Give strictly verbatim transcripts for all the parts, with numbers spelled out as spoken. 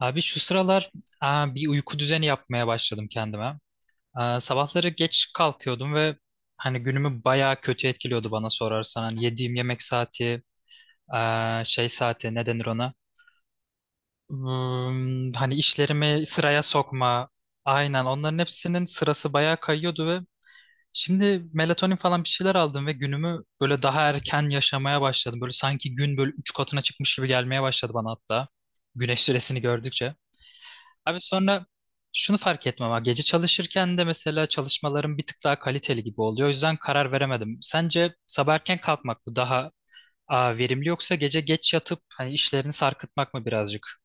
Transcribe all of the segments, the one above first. Abi şu sıralar aa, bir uyku düzeni yapmaya başladım kendime. Aa, sabahları geç kalkıyordum ve hani günümü bayağı kötü etkiliyordu bana sorarsan. Hani yediğim yemek saati, aa, şey saati ne denir ona? Hmm, hani işlerimi sıraya sokma. Aynen onların hepsinin sırası bayağı kayıyordu ve şimdi melatonin falan bir şeyler aldım ve günümü böyle daha erken yaşamaya başladım. Böyle sanki gün böyle üç katına çıkmış gibi gelmeye başladı bana hatta. Güneş süresini gördükçe. Abi sonra şunu fark etmem ha. Gece çalışırken de mesela çalışmalarım bir tık daha kaliteli gibi oluyor. O yüzden karar veremedim. Sence sabah erken kalkmak mı daha aa, verimli yoksa gece geç yatıp hani işlerini sarkıtmak mı birazcık?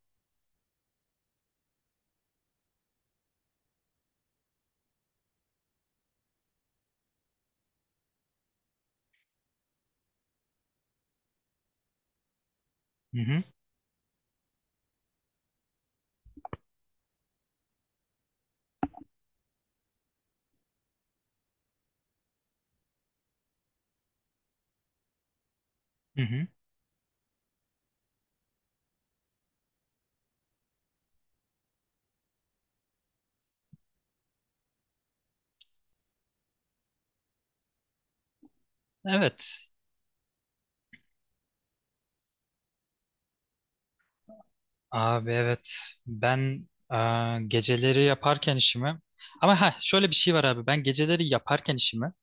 Hı hı. Hı hı. Evet. Abi evet. Ben aa, geceleri yaparken işimi ama ha şöyle bir şey var abi. Ben geceleri yaparken işimi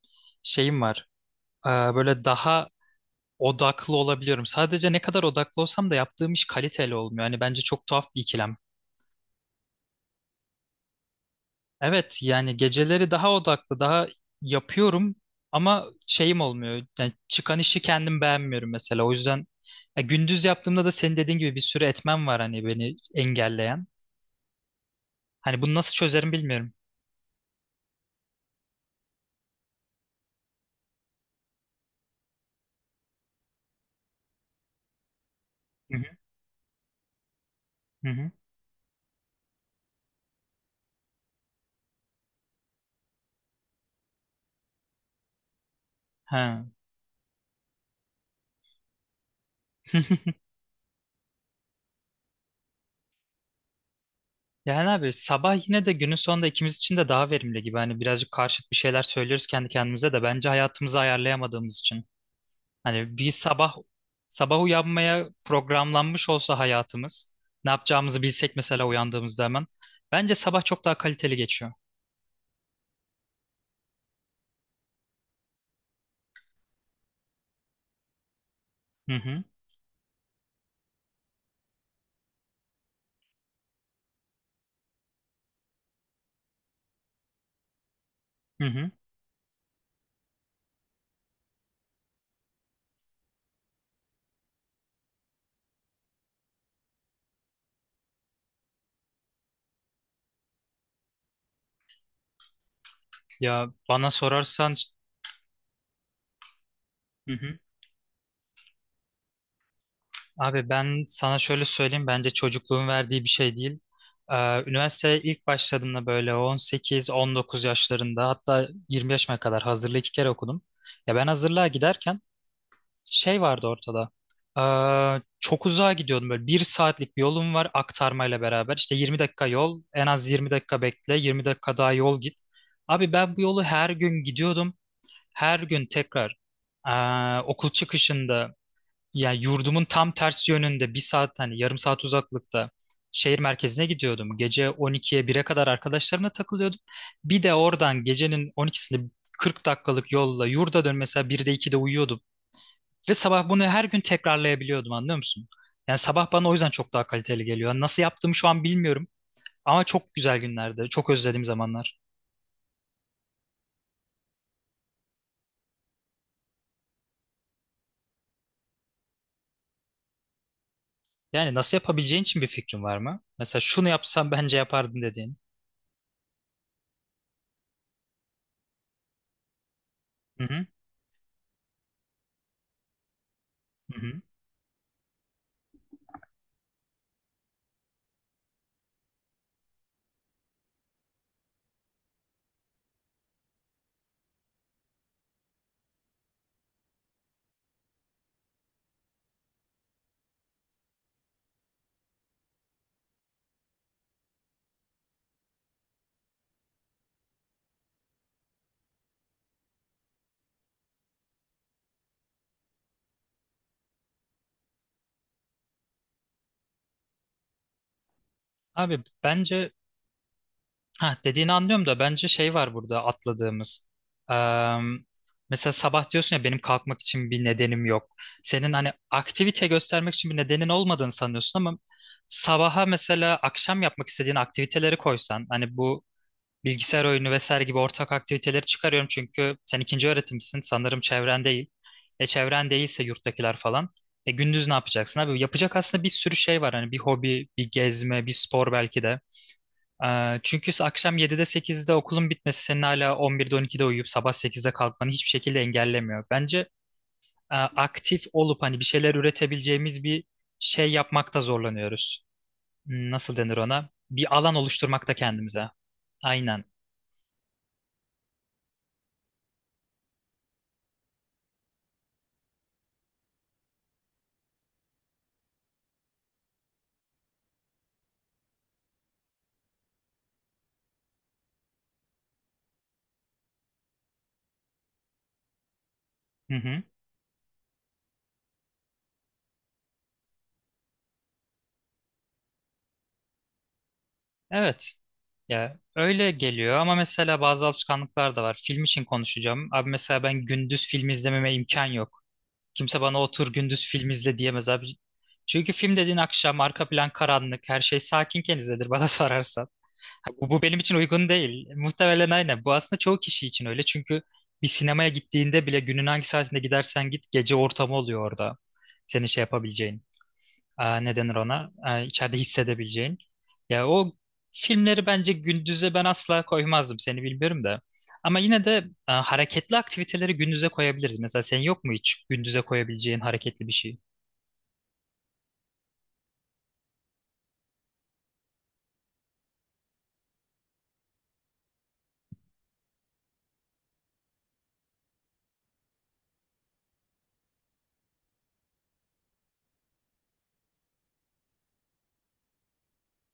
şeyim var. Aa, böyle daha odaklı olabiliyorum. Sadece ne kadar odaklı olsam da yaptığım iş kaliteli olmuyor. Hani bence çok tuhaf bir ikilem. Evet yani geceleri daha odaklı, daha yapıyorum ama şeyim olmuyor. Yani çıkan işi kendim beğenmiyorum mesela. O yüzden ya gündüz yaptığımda da senin dediğin gibi bir sürü etmen var hani beni engelleyen. Hani bunu nasıl çözerim bilmiyorum. Hı hı. Hı hı. Ha. Yani abi sabah yine de günün sonunda ikimiz için de daha verimli gibi. Hani birazcık karşıt bir şeyler söylüyoruz kendi kendimize de bence hayatımızı ayarlayamadığımız için. Hani bir sabah sabah uyanmaya programlanmış olsa hayatımız, ne yapacağımızı bilsek mesela uyandığımızda hemen. Bence sabah çok daha kaliteli geçiyor. Hı hı, hı hı. Ya bana sorarsan, hı hı. Abi ben sana şöyle söyleyeyim, bence çocukluğun verdiği bir şey değil. Ee, Üniversiteye ilk başladığımda böyle on sekiz on dokuz yaşlarında hatta yirmi yaşıma kadar hazırlığı iki kere okudum. Ya ben hazırlığa giderken şey vardı ortada. Ee, çok uzağa gidiyordum böyle bir saatlik bir yolum var aktarmayla beraber. İşte yirmi dakika yol en az yirmi dakika bekle yirmi dakika daha yol git. Abi ben bu yolu her gün gidiyordum. Her gün tekrar ee, okul çıkışında yani yurdumun tam ters yönünde bir saat hani yarım saat uzaklıkta şehir merkezine gidiyordum. Gece on ikiye bire kadar arkadaşlarımla takılıyordum. Bir de oradan gecenin on ikisinde kırk dakikalık yolla yurda dön mesela birde ikide uyuyordum. Ve sabah bunu her gün tekrarlayabiliyordum anlıyor musun? Yani sabah bana o yüzden çok daha kaliteli geliyor. Yani nasıl yaptığımı şu an bilmiyorum ama çok güzel günlerde, çok özlediğim zamanlar. Yani nasıl yapabileceğin için bir fikrin var mı? Mesela şunu yapsam bence yapardın dediğin. Hı hı, hı hı. Abi bence Ha, dediğini anlıyorum da bence şey var burada atladığımız. Eee, Mesela sabah diyorsun ya benim kalkmak için bir nedenim yok. Senin hani aktivite göstermek için bir nedenin olmadığını sanıyorsun ama sabaha mesela akşam yapmak istediğin aktiviteleri koysan hani bu bilgisayar oyunu vesaire gibi ortak aktiviteleri çıkarıyorum çünkü sen ikinci öğretimsin sanırım çevren değil. E çevren değilse yurttakiler falan. E gündüz ne yapacaksın abi? Yapacak aslında bir sürü şey var hani bir hobi, bir gezme, bir spor belki de. Ee, çünkü akşam yedide sekizde okulun bitmesi senin hala on birde on ikide uyuyup sabah sekizde kalkmanı hiçbir şekilde engellemiyor. Bence e, aktif olup hani bir şeyler üretebileceğimiz bir şey yapmakta zorlanıyoruz. Hmm, Nasıl denir ona? Bir alan oluşturmakta kendimize. Aynen. Hı hı. Evet. Ya öyle geliyor ama mesela bazı alışkanlıklar da var. Film için konuşacağım. Abi mesela ben gündüz film izlememe imkan yok. Kimse bana otur gündüz film izle diyemez abi. Çünkü film dediğin akşam arka plan karanlık, her şey sakinken izlenir bana sorarsan. Ha, Bu, bu benim için uygun değil. Muhtemelen aynen. Bu aslında çoğu kişi için öyle. Çünkü bir sinemaya gittiğinde bile günün hangi saatinde gidersen git gece ortamı oluyor orada. Senin şey yapabileceğin e, ne denir ona e, içeride hissedebileceğin. Ya o filmleri bence gündüze ben asla koymazdım seni bilmiyorum da. Ama yine de e, hareketli aktiviteleri gündüze koyabiliriz. Mesela senin yok mu hiç gündüze koyabileceğin hareketli bir şey?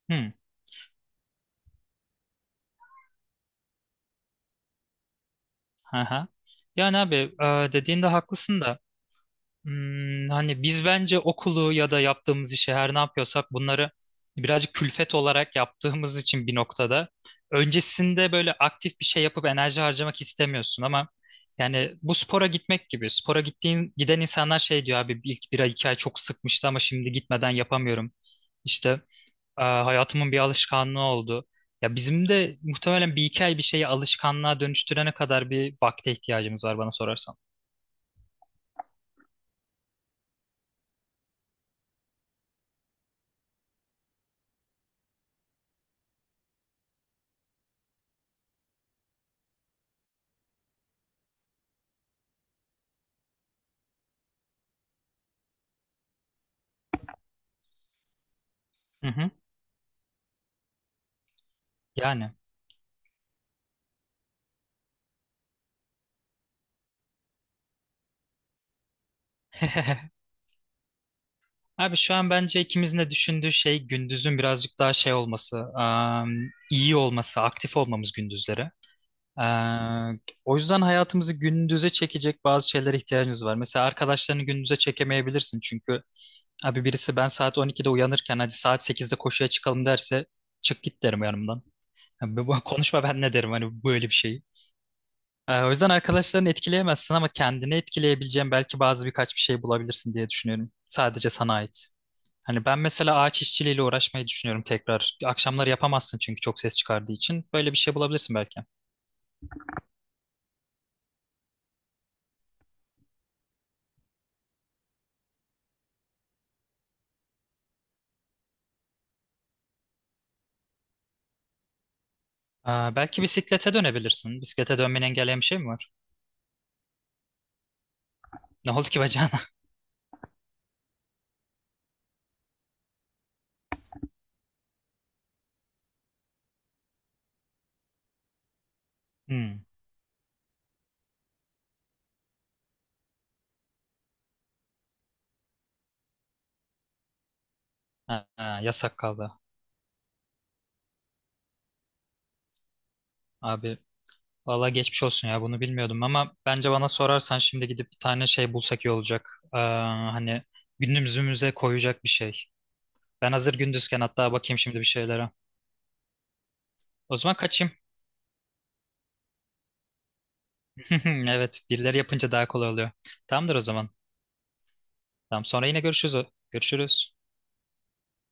Hmm. Aha. Yani abi e, dediğinde haklısın da. Hmm, hani biz bence okulu ya da yaptığımız işi her ne yapıyorsak bunları birazcık külfet olarak yaptığımız için bir noktada öncesinde böyle aktif bir şey yapıp enerji harcamak istemiyorsun ama yani bu spora gitmek gibi spora gittiğin giden insanlar şey diyor abi ilk bir ay iki ay çok sıkmıştı ama şimdi gitmeden yapamıyorum. İşte e, hayatımın bir alışkanlığı oldu. Ya bizim de muhtemelen bir iki ay bir şeyi alışkanlığa dönüştürene kadar bir vakte ihtiyacımız var bana sorarsan. Hı hı. Yani. Abi şu an bence ikimizin de düşündüğü şey gündüzün birazcık daha şey olması, am, iyi olması, aktif olmamız gündüzleri. Eee, O yüzden hayatımızı gündüze çekecek bazı şeylere ihtiyacımız var. Mesela arkadaşlarını gündüze çekemeyebilirsin çünkü abi birisi ben saat on ikide uyanırken hadi saat sekizde koşuya çıkalım derse çık git derim yanımdan. Yani bu- bu- konuşma ben ne derim hani böyle bir şey. Eee, o yüzden arkadaşlarını etkileyemezsin ama kendini etkileyebileceğin belki bazı birkaç bir şey bulabilirsin diye düşünüyorum. Sadece sana ait. Hani ben mesela ağaç işçiliğiyle uğraşmayı düşünüyorum tekrar. Akşamları yapamazsın çünkü çok ses çıkardığı için. Böyle bir şey bulabilirsin belki. Aa, belki bisiklete dönebilirsin. Bisiklete dönmeni engelleyen bir şey mi var? Ne oldu ki bacağına? Hmm. Ha, ha, yasak kaldı. Abi valla geçmiş olsun ya bunu bilmiyordum ama bence bana sorarsan şimdi gidip bir tane şey bulsak iyi olacak. Ee, hani gündüzümüze koyacak bir şey. Ben hazır gündüzken hatta bakayım şimdi bir şeylere. O zaman kaçayım. Evet, birileri yapınca daha kolay oluyor. Tamamdır o zaman. Tamam, sonra yine görüşürüz. Görüşürüz.